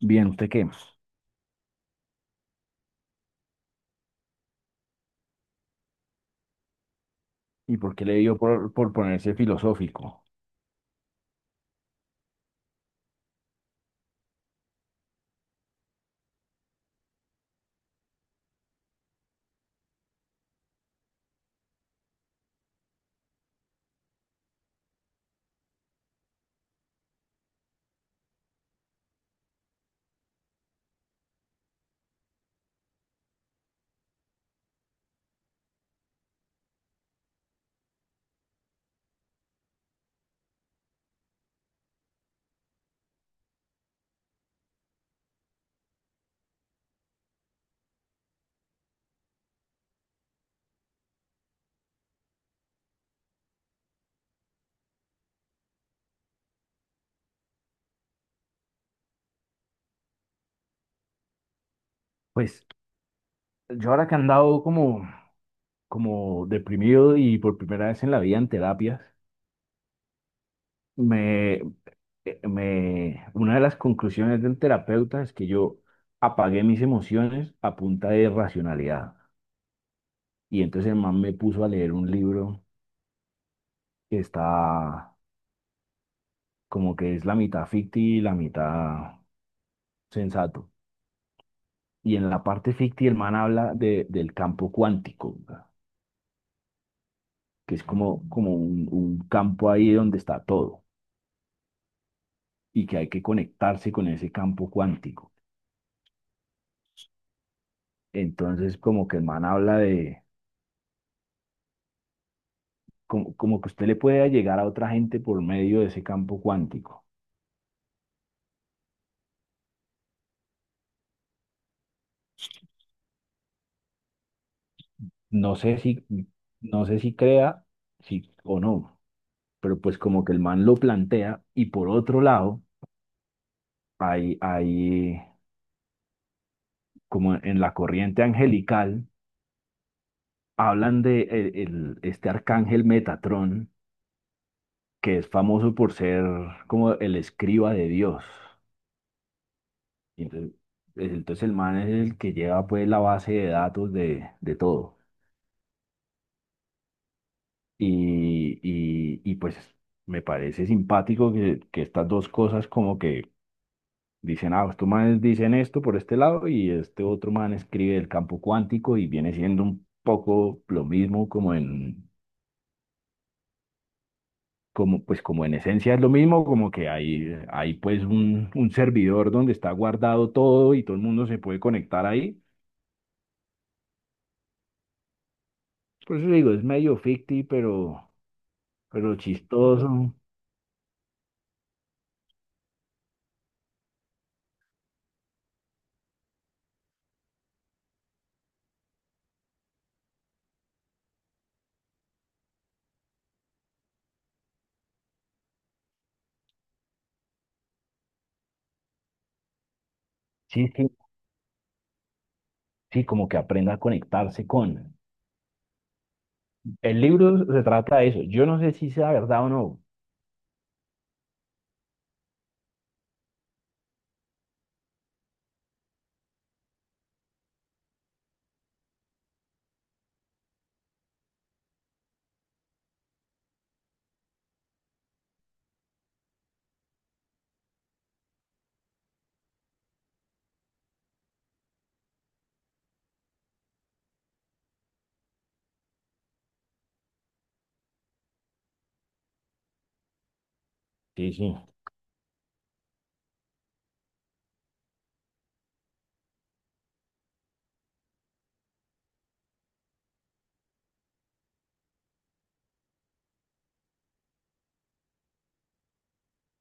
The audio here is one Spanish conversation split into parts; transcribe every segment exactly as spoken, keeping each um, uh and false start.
Bien, ¿usted qué? ¿Y por qué le dio por, por ponerse filosófico? Pues yo ahora que he andado como, como deprimido y por primera vez en la vida en terapias, me, eh, me, una de las conclusiones del terapeuta es que yo apagué mis emociones a punta de racionalidad. Y entonces el man me puso a leer un libro que está como que es la mitad ficti y la mitad sensato. Y en la parte ficti el man habla de, del campo cuántico, ¿verdad? Que es como, como un, un campo ahí donde está todo y que hay que conectarse con ese campo cuántico. Entonces, como que el man habla de, como, como que usted le puede llegar a otra gente por medio de ese campo cuántico. No sé si, no sé si crea, si o no, pero pues como que el man lo plantea y por otro lado, hay, hay como en la corriente angelical, hablan de el- el- este arcángel Metatrón, que es famoso por ser como el escriba de Dios. Y entonces, es- entonces el man es el que lleva pues la base de datos de, de todo. Y, y, y, pues me parece simpático que, que estas dos cosas como que dicen, ah, estos manes dicen esto por este lado y este otro man escribe el campo cuántico y viene siendo un poco lo mismo como en, como, pues como en esencia es lo mismo, como que hay, eh, hay pues un, un servidor donde está guardado todo y todo el mundo se puede conectar ahí. Por eso digo, es medio ficti, pero, pero chistoso. Sí, sí, sí, como que aprenda a conectarse con. El libro se trata de eso. Yo no sé si sea verdad o no. Sí, sí.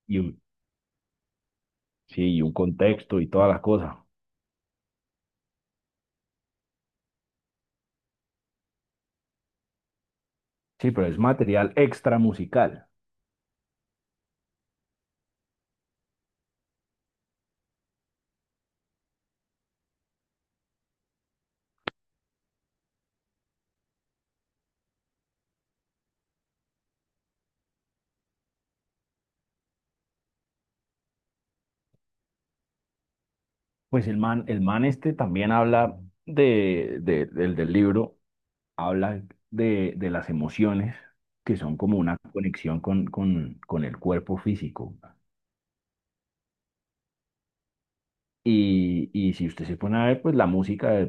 Y un, sí, y un contexto y todas las cosas. Sí, pero es material extra musical. Pues el man, el man este también habla de, de- del del libro, habla de, de las emociones, que son como una conexión con, con, con el cuerpo físico. Y, y si usted se pone a ver, pues la música,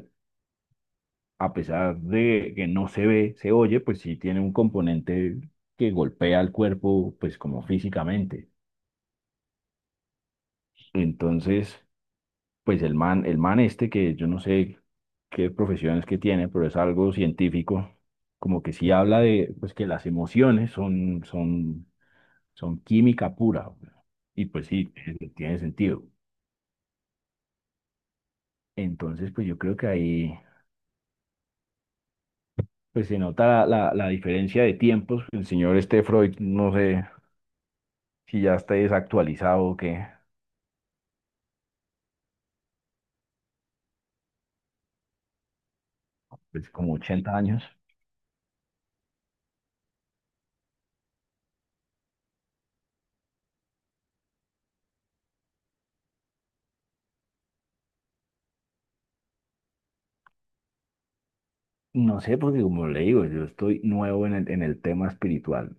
a pesar de que no se ve, se oye, pues sí tiene un componente que golpea al cuerpo, pues como físicamente. Entonces, pues el man, el man este, que yo no sé qué profesiones que tiene, pero es algo científico, como que sí habla de, pues que las emociones son, son son química pura. Y pues sí, tiene, tiene sentido. Entonces, pues yo creo que ahí pues se nota la, la, la diferencia de tiempos. El señor este Freud, no sé si ya está desactualizado o qué, pues como ochenta años. No sé, porque como le digo, yo estoy nuevo en el, en el tema espiritual.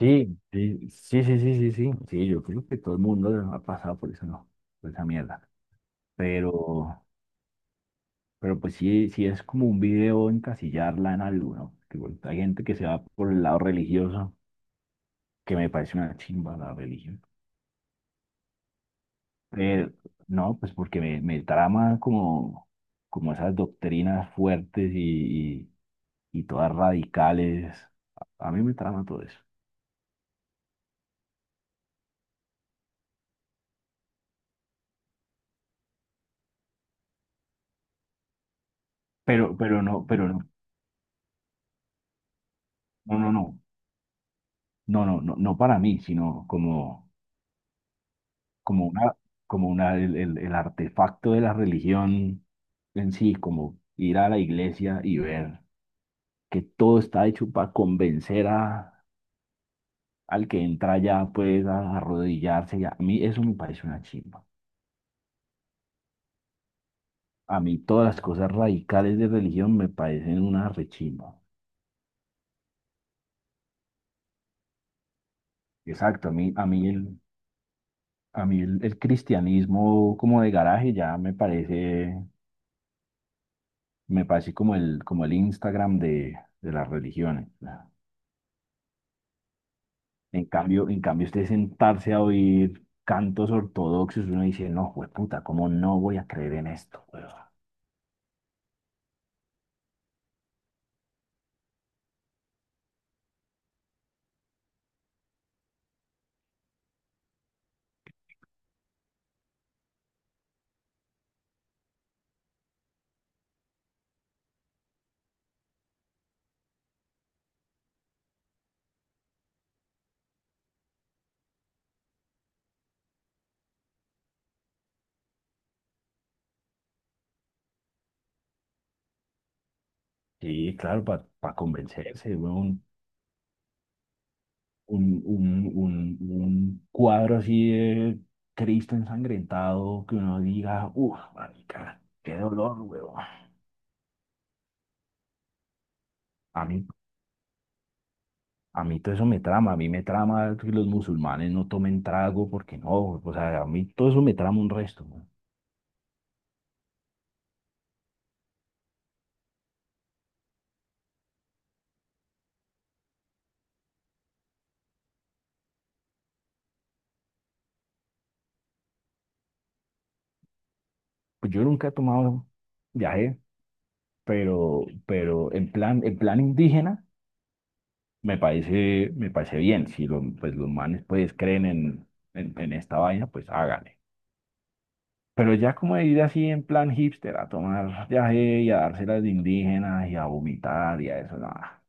Sí, sí, sí, sí, sí, sí, sí. Sí, yo creo que todo el mundo ha pasado por eso, no, por esa mierda. Pero, Pero pues sí, sí es como un video encasillarla en algo, ¿no? Que bueno, hay gente que se va por el lado religioso, que me parece una chimba la religión. Pero no, pues porque me, me trama como, como esas doctrinas fuertes y, y, y todas radicales. A mí me trama todo eso. Pero, pero no, pero no, no, no, no, no, no, no, no para mí, sino como, como una, como una, el, el, el artefacto de la religión en sí, como ir a la iglesia y ver. Que todo está hecho para convencer a, al que entra ya pues a arrodillarse. Y a mí eso me parece una chimba. A mí todas las cosas radicales de religión me parecen una rechimba. Exacto, a mí, a mí el, a mí el, el cristianismo como de garaje ya me parece, me parece como el, como el Instagram de, de las religiones. En cambio, en cambio, usted sentarse a oír cantos ortodoxos, uno dice, no, pues puta, ¿cómo no voy a creer en esto? Sí, claro, para convencerse, weón. Un, un, un, un cuadro así de Cristo ensangrentado que uno diga, uff, marica, qué dolor, weón. A mí, a mí todo eso me trama, a mí me trama que los musulmanes no tomen trago porque no, o sea, a mí todo eso me trama un resto, weón. Pues yo nunca he tomado viaje, pero, pero en plan, en plan indígena me parece, me parece bien. Si los, pues los manes pues creen en, en, en esta vaina, pues háganle. Pero ya como de ir así en plan hipster, a tomar viaje y a dárselas de indígenas y a vomitar y a eso, nada.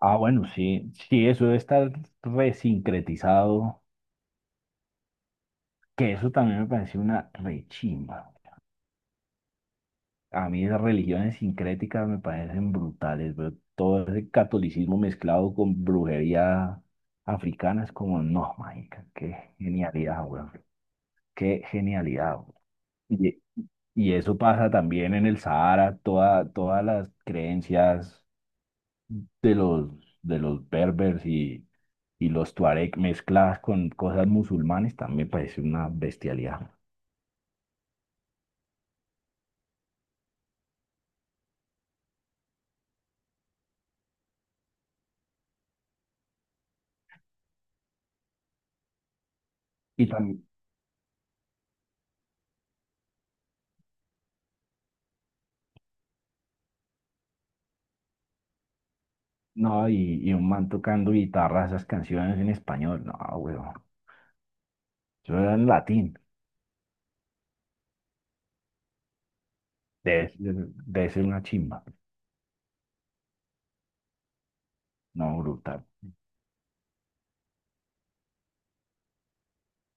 Ah, bueno, sí, sí, eso de estar resincretizado, que eso también me parece una rechimba. A mí esas religiones sincréticas me parecen brutales, pero todo ese catolicismo mezclado con brujería africana es como, no, mágica, qué genialidad, weón, qué genialidad, weón. Y eso pasa también en el Sahara, toda, todas las creencias de los, de los berbers y, y los tuareg mezcladas con cosas musulmanes también parece una bestialidad. Y también, no, y, y un man tocando guitarra, esas canciones en español, no, weón, eso era en latín, debe, ser- debe ser una chimba, no, brutal.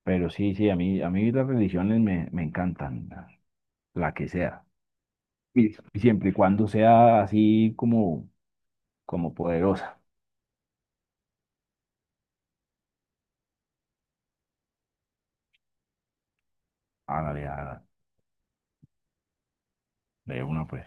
Pero sí, sí, a mí, a mí las religiones me, me encantan, la que sea. Y y siempre y cuando sea así como como poderosa. Hágale, hágale. De una, pues.